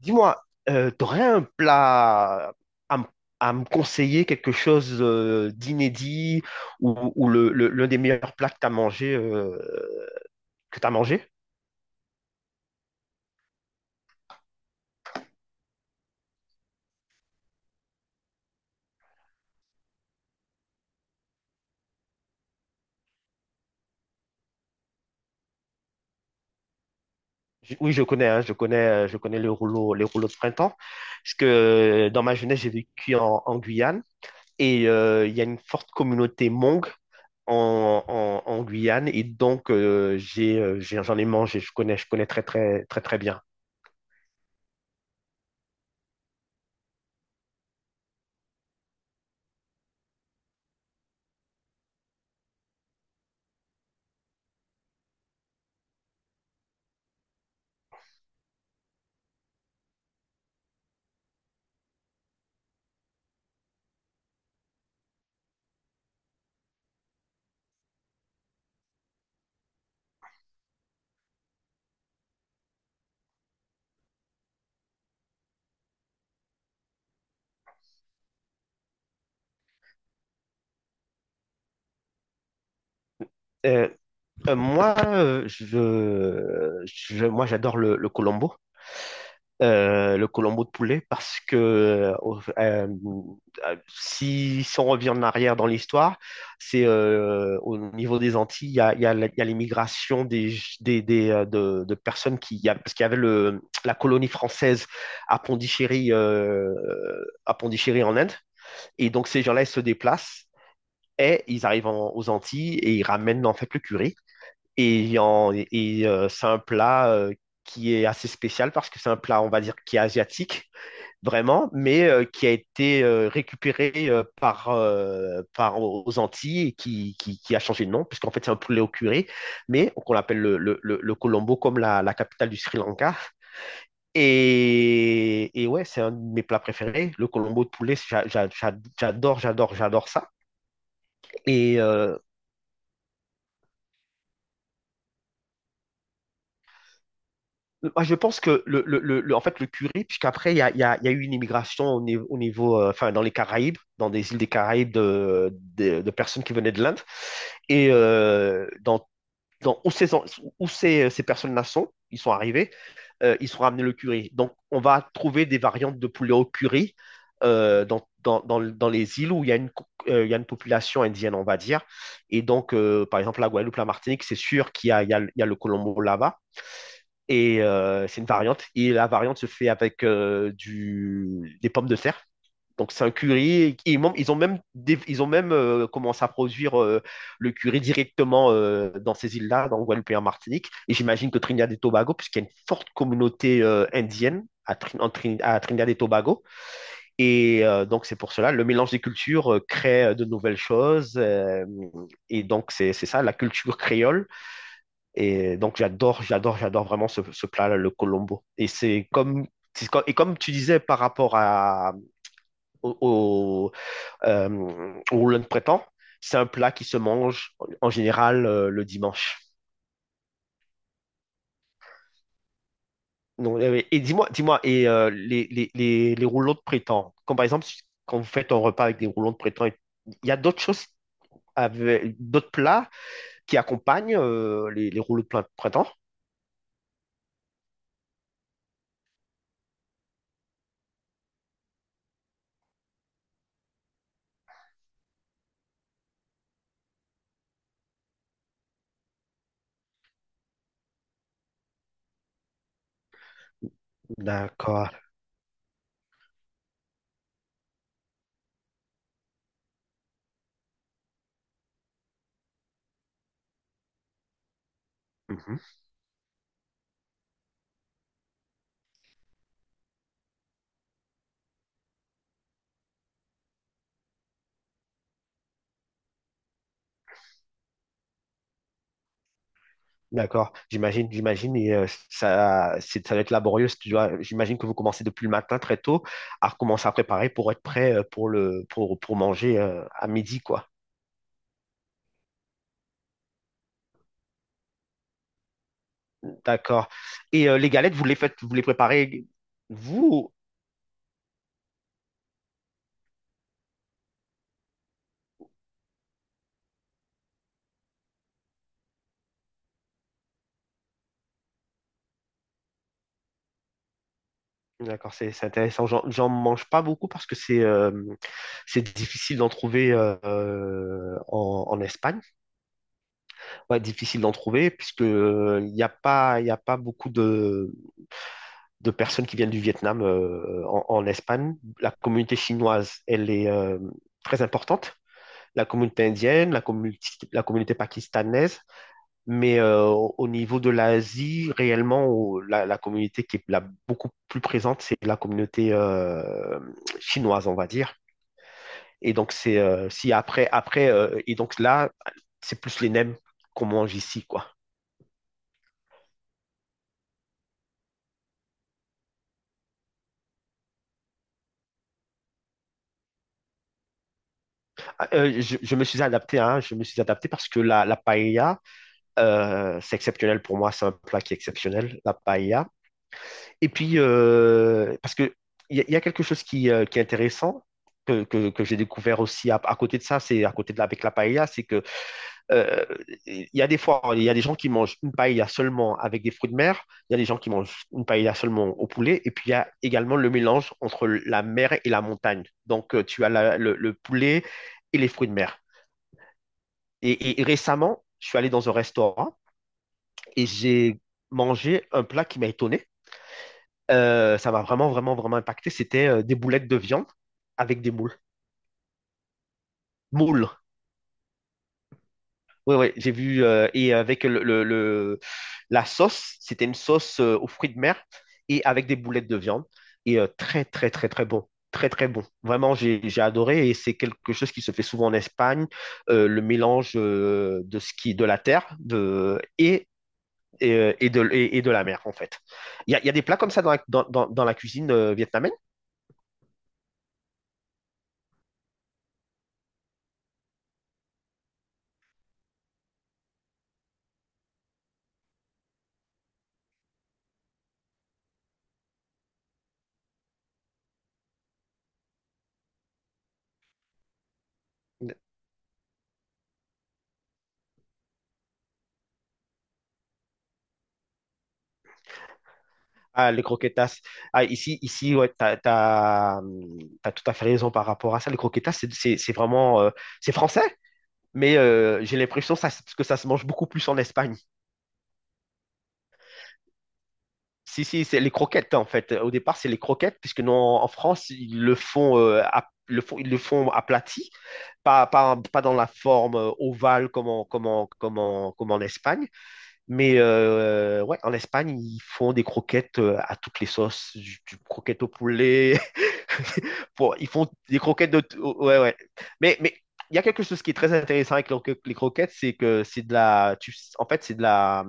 Dis-moi, t'aurais un plat à, m- à me conseiller, quelque chose d'inédit l'un des meilleurs plats que t'as mangé, que t'as mangé? Oui, je connais, hein, je connais les rouleaux de printemps, parce que dans ma jeunesse, j'ai vécu en Guyane et il y a une forte communauté Hmong en Guyane, et donc j'en ai mangé, je connais très très très très bien. Euh, Moi, moi, j'adore le colombo, le colombo de poulet, parce que si on revient en arrière dans l'histoire, c'est au niveau des Antilles, il y a l'immigration de personnes qui, parce qu'il y avait la colonie française à Pondichéry, à Pondichéry en Inde, et donc ces gens-là, ils se déplacent. Et ils arrivent aux Antilles et ils ramènent en fait le curry. C'est un plat qui est assez spécial parce que c'est un plat, on va dire, qui est asiatique, vraiment, mais qui a été récupéré par aux Antilles, et qui a changé de nom, puisqu'en fait, c'est un poulet au curry, mais qu'on l'appelle le Colombo, comme la capitale du Sri Lanka. Et ouais, c'est un de mes plats préférés, le Colombo de poulet, j'adore, j'adore, j'adore ça. Et euh, Moi, je pense que en fait, le curry, puisqu'après, il y a eu une immigration au niveau, enfin, dans les Caraïbes, dans des îles des Caraïbes de personnes qui venaient de l'Inde. Et dans, dans Où ces personnes-là sont, ils sont arrivés, ils sont ramenés le curry. Donc, on va trouver des variantes de poulet au curry dans les îles où il y a une population indienne, on va dire. Et donc, par exemple, la Guadeloupe, la Martinique, c'est sûr qu'il y a le colombo là, et c'est une variante. Et la variante se fait avec des pommes de terre. Donc c'est un curry. Ils ont même commencé à produire le curry directement dans ces îles-là, dans Guadeloupe et en Martinique. Et j'imagine que Trinidad et Tobago, puisqu'il y a une forte communauté indienne à Trinidad et Tobago. Donc c'est pour cela, le mélange des cultures crée de nouvelles choses. Et donc c'est ça, la culture créole, et donc, j'adore, j'adore, j'adore vraiment ce plat-là, le colombo. Et c'est comme, c'est co- et Comme tu disais par rapport au, au, au rouleau de printemps, c'est un plat qui se mange en général le dimanche. Donc, et dis-moi, les rouleaux de printemps, comme par exemple, quand vous faites un repas avec des rouleaux de printemps, il y a d'autres choses, d'autres plats qui accompagnent les rouleaux de printemps? D'accord. Mhm. D'accord, j'imagine, j'imagine, et ça, ça va être laborieux. Si Tu dois- J'imagine que vous commencez depuis le matin très tôt à recommencer à préparer pour être prêt pour pour manger à midi, quoi. D'accord. Et les galettes, vous les préparez vous? D'accord, c'est intéressant. J'en mange pas beaucoup parce que c'est difficile d'en trouver en Espagne. Ouais, difficile d'en trouver puisque il n'y a pas, y a pas beaucoup de personnes qui viennent du Vietnam en Espagne. La communauté chinoise, elle est très importante. La communauté indienne, la communauté pakistanaise, mais au niveau de l'Asie, réellement, la communauté qui est beaucoup plus présente, c'est la communauté chinoise, on va dire. Et donc, c'est si après, après et donc là, c'est plus les nems qu'on mange ici, quoi. Ah, je me suis adapté, hein, je me suis adapté, parce que la paella, c'est exceptionnel pour moi, c'est un plat qui est exceptionnel, la paella. Et puis, parce que il y, a y a quelque chose qui est intéressant, que j'ai découvert aussi à côté de ça, c'est à côté de la, avec la paella, c'est que euh, il y a des fois, il y a des gens qui mangent une paella seulement avec des fruits de mer, il y a des gens qui mangent une paella seulement au poulet, et puis il y a également le mélange entre la mer et la montagne. Donc, tu as le poulet et les fruits de mer. Et récemment, je suis allé dans un restaurant, et j'ai mangé un plat qui m'a étonné. Ça m'a vraiment, vraiment, vraiment impacté. C'était des boulettes de viande avec des moules. Moules. Oui, oui, j'ai vu. Et avec la sauce, c'était une sauce aux fruits de mer, et avec des boulettes de viande. Très, très, très, très bon. Très, très bon. Vraiment, j'ai adoré. Et c'est quelque chose qui se fait souvent en Espagne, le mélange de la terre de, et de, et de la mer, en fait. Il y a des plats comme ça dans la cuisine vietnamienne? Ah, les croquetas. Ah, ici ouais, tout à fait raison par rapport à ça. Les croquetas, c'est vraiment, c'est français, mais j'ai l'impression que ça se mange beaucoup plus en Espagne. Si, si, c'est les croquettes, en fait. Au départ, c'est les croquettes, puisque non, en France, ils le font aplati. Pas dans la forme ovale, comme en Espagne, mais ouais, en Espagne, ils font des croquettes à toutes les sauces, du croquette au poulet, ils font des croquettes de. Ouais, ouais. Mais il y a quelque chose qui est très intéressant avec les croquettes, c'est que c'est de la. En fait, c'est de la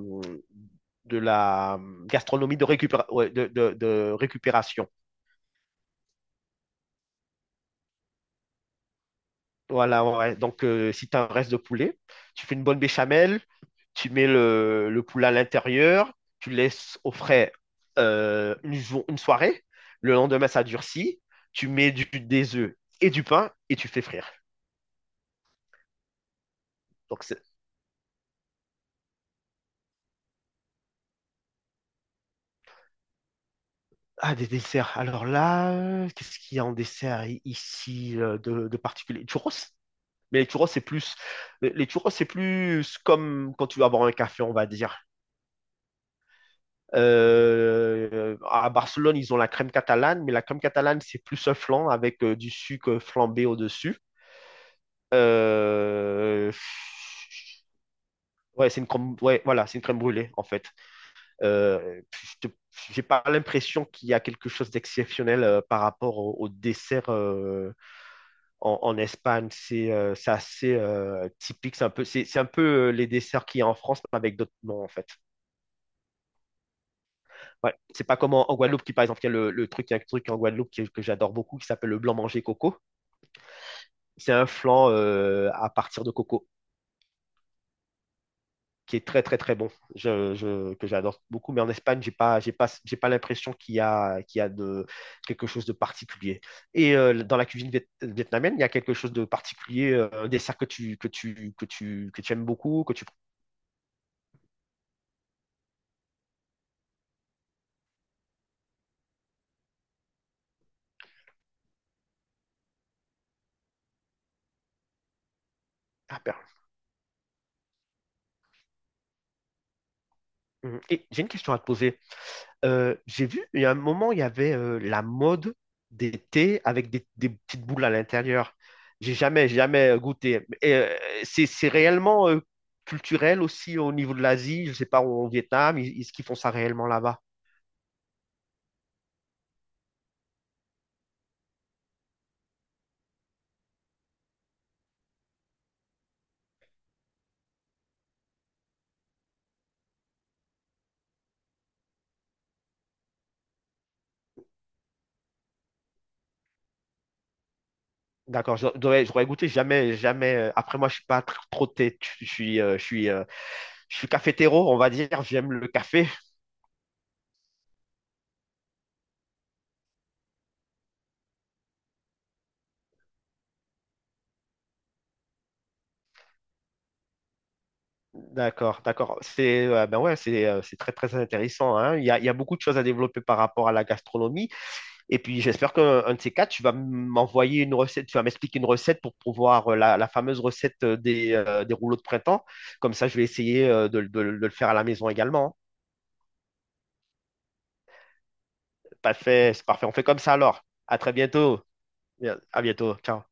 de la gastronomie de, ouais, de récupération. Voilà, ouais. Ouais. Donc, si tu as un reste de poulet, tu fais une bonne béchamel, tu mets le poulet à l'intérieur, tu laisses au frais une soirée. Le lendemain, ça durcit. Tu mets des œufs et du pain et tu fais frire. Donc, c'est. Ah, des desserts. Alors là, qu'est-ce qu'il y a en dessert ici de particulier? Churros? Mais les churros, c'est plus. Les churros, c'est plus comme quand tu vas boire un café, on va dire. À Barcelone, ils ont la crème catalane, mais la crème catalane, c'est plus un flan avec du sucre flambé au-dessus. Euh, ouais, c'est une crème, ouais, voilà, c'est une crème brûlée, en fait. Euh, je te- j'ai pas l'impression qu'il y a quelque chose d'exceptionnel par rapport au dessert en Espagne. C'est assez typique. C'est un peu les desserts qu'il y a en France, mais avec d'autres noms, en fait. Ouais. C'est pas comme en Guadeloupe, qui par exemple, il y a un truc en Guadeloupe que j'adore beaucoup qui s'appelle le blanc manger coco. C'est un flan à partir de coco qui est très très très bon, que j'adore beaucoup. Mais en Espagne, j'ai pas l'impression qu'il y a quelque chose de particulier. Dans la cuisine vietnamienne, il y a quelque chose de particulier, un dessert que tu aimes beaucoup, que tu. Ah, perle. Mhm. Et j'ai une question à te poser. J'ai vu, il y a un moment, il y avait la mode des thés avec des petites boules à l'intérieur. J'ai jamais, jamais goûté. C'est réellement culturel aussi au niveau de l'Asie. Je sais pas, au Vietnam, est-ce qu'ils font ça réellement là-bas? D'accord, j'aurais goûté jamais, jamais. Après, moi, je suis pas trop thé. Je suis cafétéro, on va dire. J'aime le café. D'accord, d'accord. C'est Ben ouais, c'est très très intéressant, hein. Il y a beaucoup de choses à développer par rapport à la gastronomie. Et puis j'espère qu'un de ces quatre, tu vas m'envoyer une recette, tu vas m'expliquer une recette pour pouvoir la fameuse recette des rouleaux de printemps. Comme ça, je vais essayer de le faire à la maison également. Parfait, c'est parfait. On fait comme ça alors. À très bientôt. À bientôt. Ciao.